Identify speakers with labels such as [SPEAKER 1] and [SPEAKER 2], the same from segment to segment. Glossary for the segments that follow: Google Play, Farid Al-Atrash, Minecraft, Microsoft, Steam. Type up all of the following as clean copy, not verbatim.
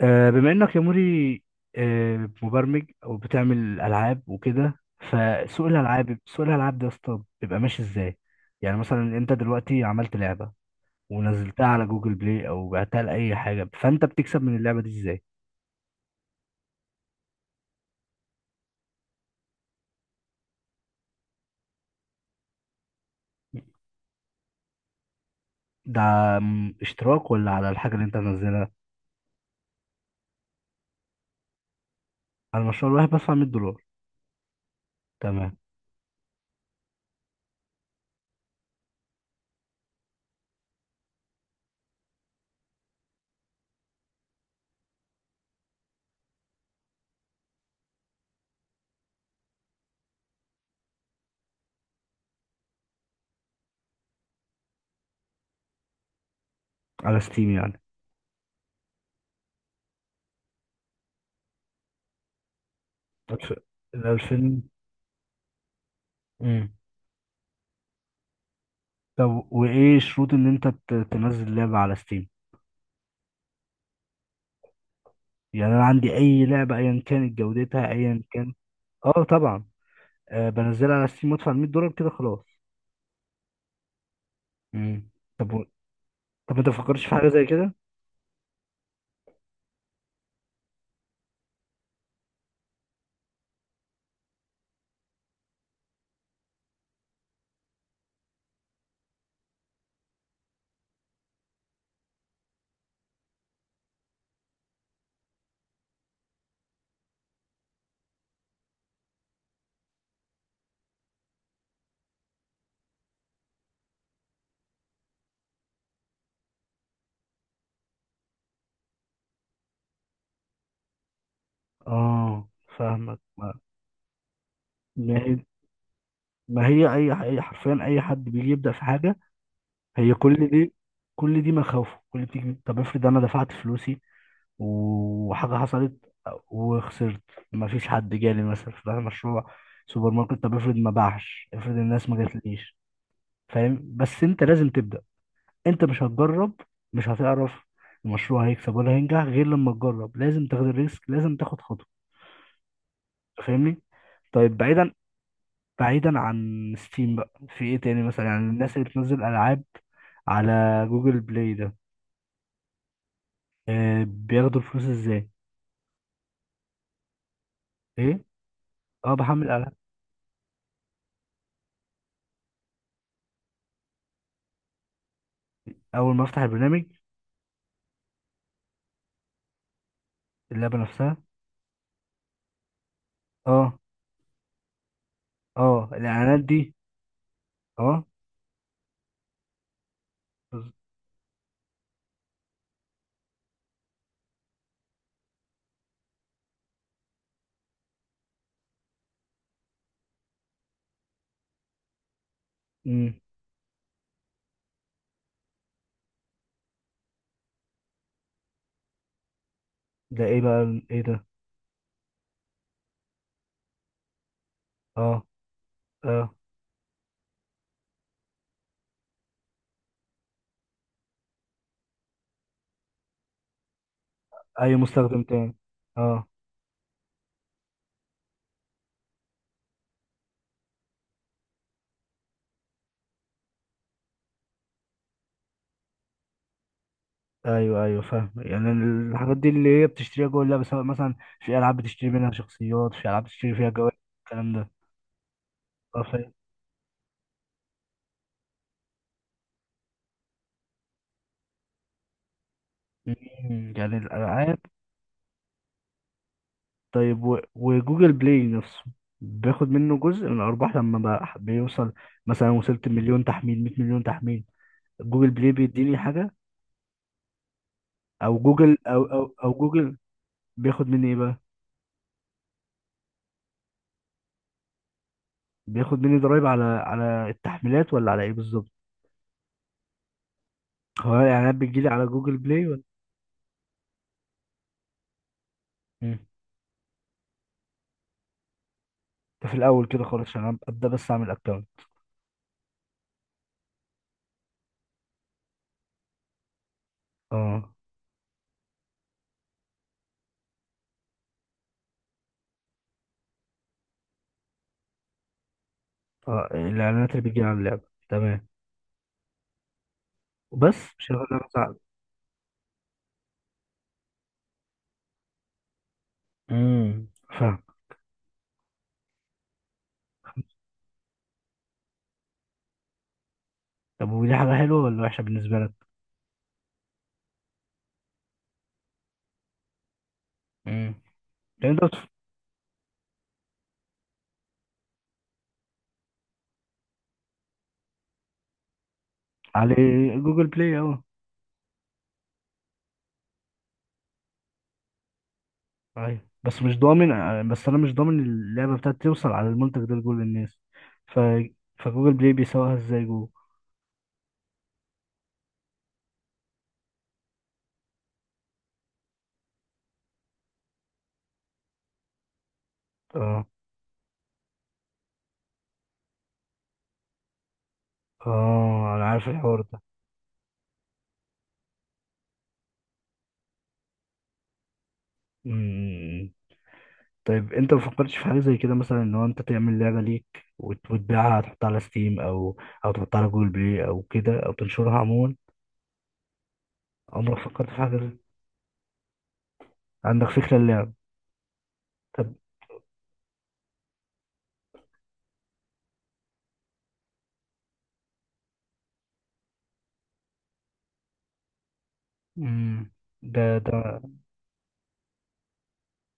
[SPEAKER 1] بما انك يا موري، مبرمج او بتعمل العاب وكده. فسوق الالعاب، سوق الالعاب ده يا اسطى بيبقى ماشي ازاي؟ يعني مثلا انت دلوقتي عملت لعبه ونزلتها على جوجل بلاي او بعتها لاي حاجه، فانت بتكسب من اللعبه دي ازاي؟ ده اشتراك ولا على الحاجه اللي انت منزلها؟ على المشروع الواحد بدفع $100. تمام. على ستيم يعني. الف- الألفين. مم. طب وايه شروط ان انت تنزل لعبه على ستيم؟ يعني انا عندي اي لعبه ايا كانت جودتها ايا كان. اه طبعا. بنزلها على ستيم وادفع $100 كده خلاص. مم. طب و... طب ما تفكرش في حاجه زي كده؟ اه فاهمك. ما، ما هي اي حرفيا اي حد بيجي يبدا في حاجه، هي كل دي مخاوفه. كل دي، طب افرض انا دفعت فلوسي وحاجه حصلت وخسرت، ما فيش حد جالي مثلا في مشروع سوبر ماركت. طب افرض ما باعش، افرض الناس ما جاتليش. فاهم؟ بس انت لازم تبدا. انت مش هتجرب، مش هتعرف المشروع هيكسب ولا هينجح غير لما تجرب. لازم تاخد الريسك، لازم تاخد خطوة. فاهمني؟ طيب بعيدا، بعيدا عن ستيم بقى، في ايه تاني مثلا؟ يعني الناس اللي بتنزل العاب على جوجل بلاي ده، بياخدوا الفلوس ازاي؟ ايه؟ اه بحمل العاب. اول ما افتح البرنامج اللعبة نفسها. اه. اه الاعلانات دي. اه. بز- مم. ده ايه بقى، ايه ده؟ اه. اه. اي مستخدم تاني. اه. ايوه، ايوه، فاهم يعني. الحاجات دي اللي هي بتشتريها جوه اللعبه، سواء مثلا في العاب بتشتري منها شخصيات، في العاب بتشتري فيها جوائز، الكلام ده. اه فاهم. مم، يعني الالعاب. طيب، وجوجل بلاي نفسه بياخد منه جزء من الارباح لما بقى بيوصل مثلا، وصلت مليون تحميل، 100 مليون تحميل، جوجل بلاي بيديني حاجه؟ او جوجل، او جوجل بياخد مني ايه بقى؟ بياخد مني ضرايب على التحميلات ولا على ايه بالظبط؟ هو الاعلانات بتجيلي على جوجل بلاي ولا ده في الاول كده خالص عشان ابدا، بس اعمل اكونت؟ اه. اه الاعلانات اللي بتجي على اللعبه. تمام. وبس؟ مش هياخد منك ساعه؟ امم. فاهم. طب ودي حاجه حلوه ولا وحشه بالنسبه لك؟ امم. لان انت على جوجل بلاي اه. ايوه، بس مش ضامن. بس انا مش ضامن اللعبه بتاعتي توصل على المنتج ده لكل الناس. ف، فجوجل بلاي بيسوقها ازاي؟ جوجل. اه. اه انا عارف الحوار ده. طيب انت ما فكرتش في حاجه زي كده مثلا، ان هو انت تعمل لعبه ليك، وتبيعها، تحطها على ستيم او، او تحطها على جوجل بلاي او كده، او تنشرها عموما؟ عمرك فكرت في حاجه زي؟ عندك فكره اللعب. طب. امم. ده ده.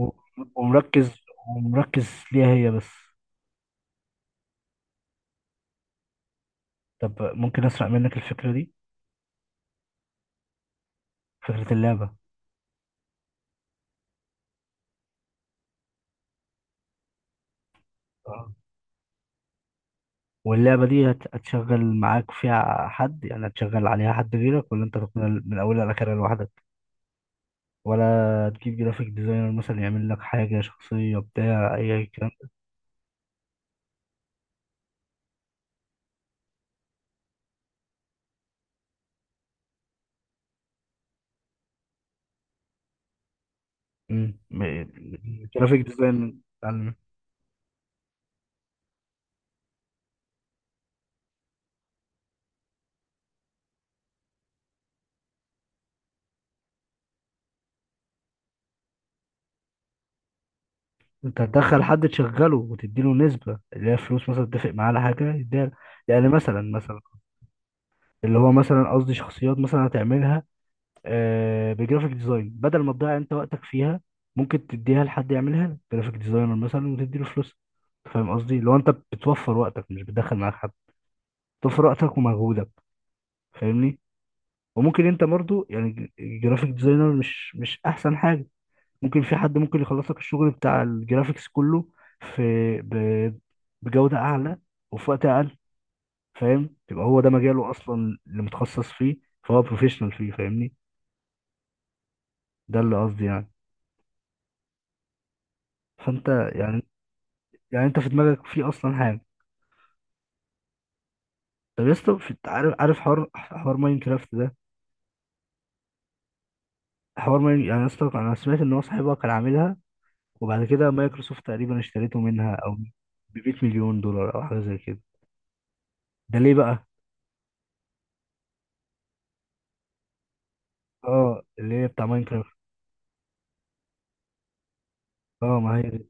[SPEAKER 1] و- ومركز ومركز ليها هي بس. طب ممكن اسرق منك الفكره دي، فكره اللعبه؟ اه، واللعبه دي هتشغل معاك فيها حد يعني؟ هتشغل عليها حد غيرك ولا انت تكون من اولها لاخرها لوحدك؟ ولا تجيب جرافيك ديزاينر مثلا يعمل لك حاجة شخصية، بتاع أي كلام؟ مم. الجرافيك ديزاينر. بتاع- أنت هتدخل حد تشغله وتديله نسبة اللي هي فلوس مثلا، تتفق معاه على حاجة يديها. يعني مثلا، اللي هو مثلا قصدي شخصيات مثلا هتعملها، بجرافيك ديزاين، بدل ما تضيع أنت وقتك فيها، ممكن تديها لحد يعملها لك، جرافيك ديزاينر مثلا، وتديله فلوس. فاهم قصدي؟ لو أنت بتوفر وقتك مش بتدخل معاك حد، بتوفر وقتك ومجهودك، فاهمني؟ وممكن انت برضو يعني جرافيك ديزاينر مش احسن حاجه. ممكن في حد ممكن يخلص لك الشغل بتاع الجرافيكس كله، في، ب... بجوده اعلى وفي وقت اقل. فاهم؟ يبقى هو ده مجاله اصلا اللي متخصص فيه، فهو بروفيشنال فيه. فاهمني؟ ده اللي قصدي يعني. فانت يعني، يعني انت في دماغك في اصلا حاجه. طب يا اسطى عارف، حوار، ماين كرافت ده، حوار ماين. يعني يا اسطى انا سمعت ان هو صاحبها كان عاملها، وبعد كده مايكروسوفت تقريبا اشتريته منها، او ب 100 مليون دولار او حاجه زي كده. ده ليه بقى؟ اه، اللي هي بتاع ماينكرافت. اه، ما هي دي.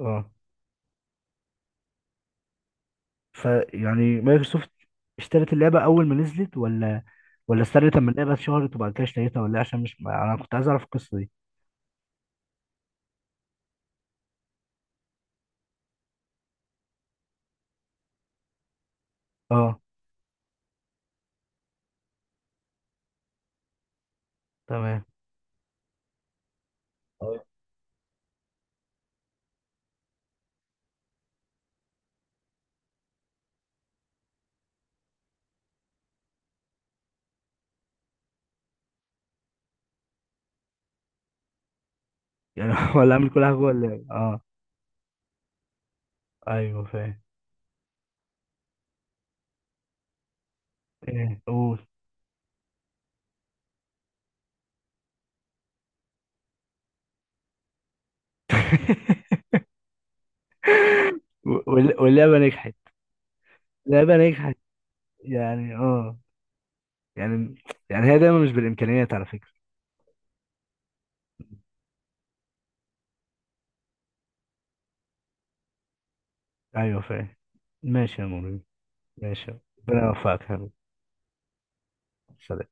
[SPEAKER 1] اه. فيعني مايكروسوفت اشترت اللعبه اول ما نزلت، ولا، ولا استنت لما اللعبه اتشهرت وبعد كده اشتريتها، ولا إيه؟ عشان مش انا كنت عايز اعرف القصه دي. اه. تمام. اه. يعني ولا اعمل كل حاجه جوه اللعبه اه. ايوه فاهم. ايه، قول. واللعبه نجحت. اللعبه نجحت يعني. اه، يعني، هي دايما مش بالامكانيات على فكره. ايوه فاهم. ماشي يا موري. ماشي. ربنا يوفقك يا حبيبي. سلام.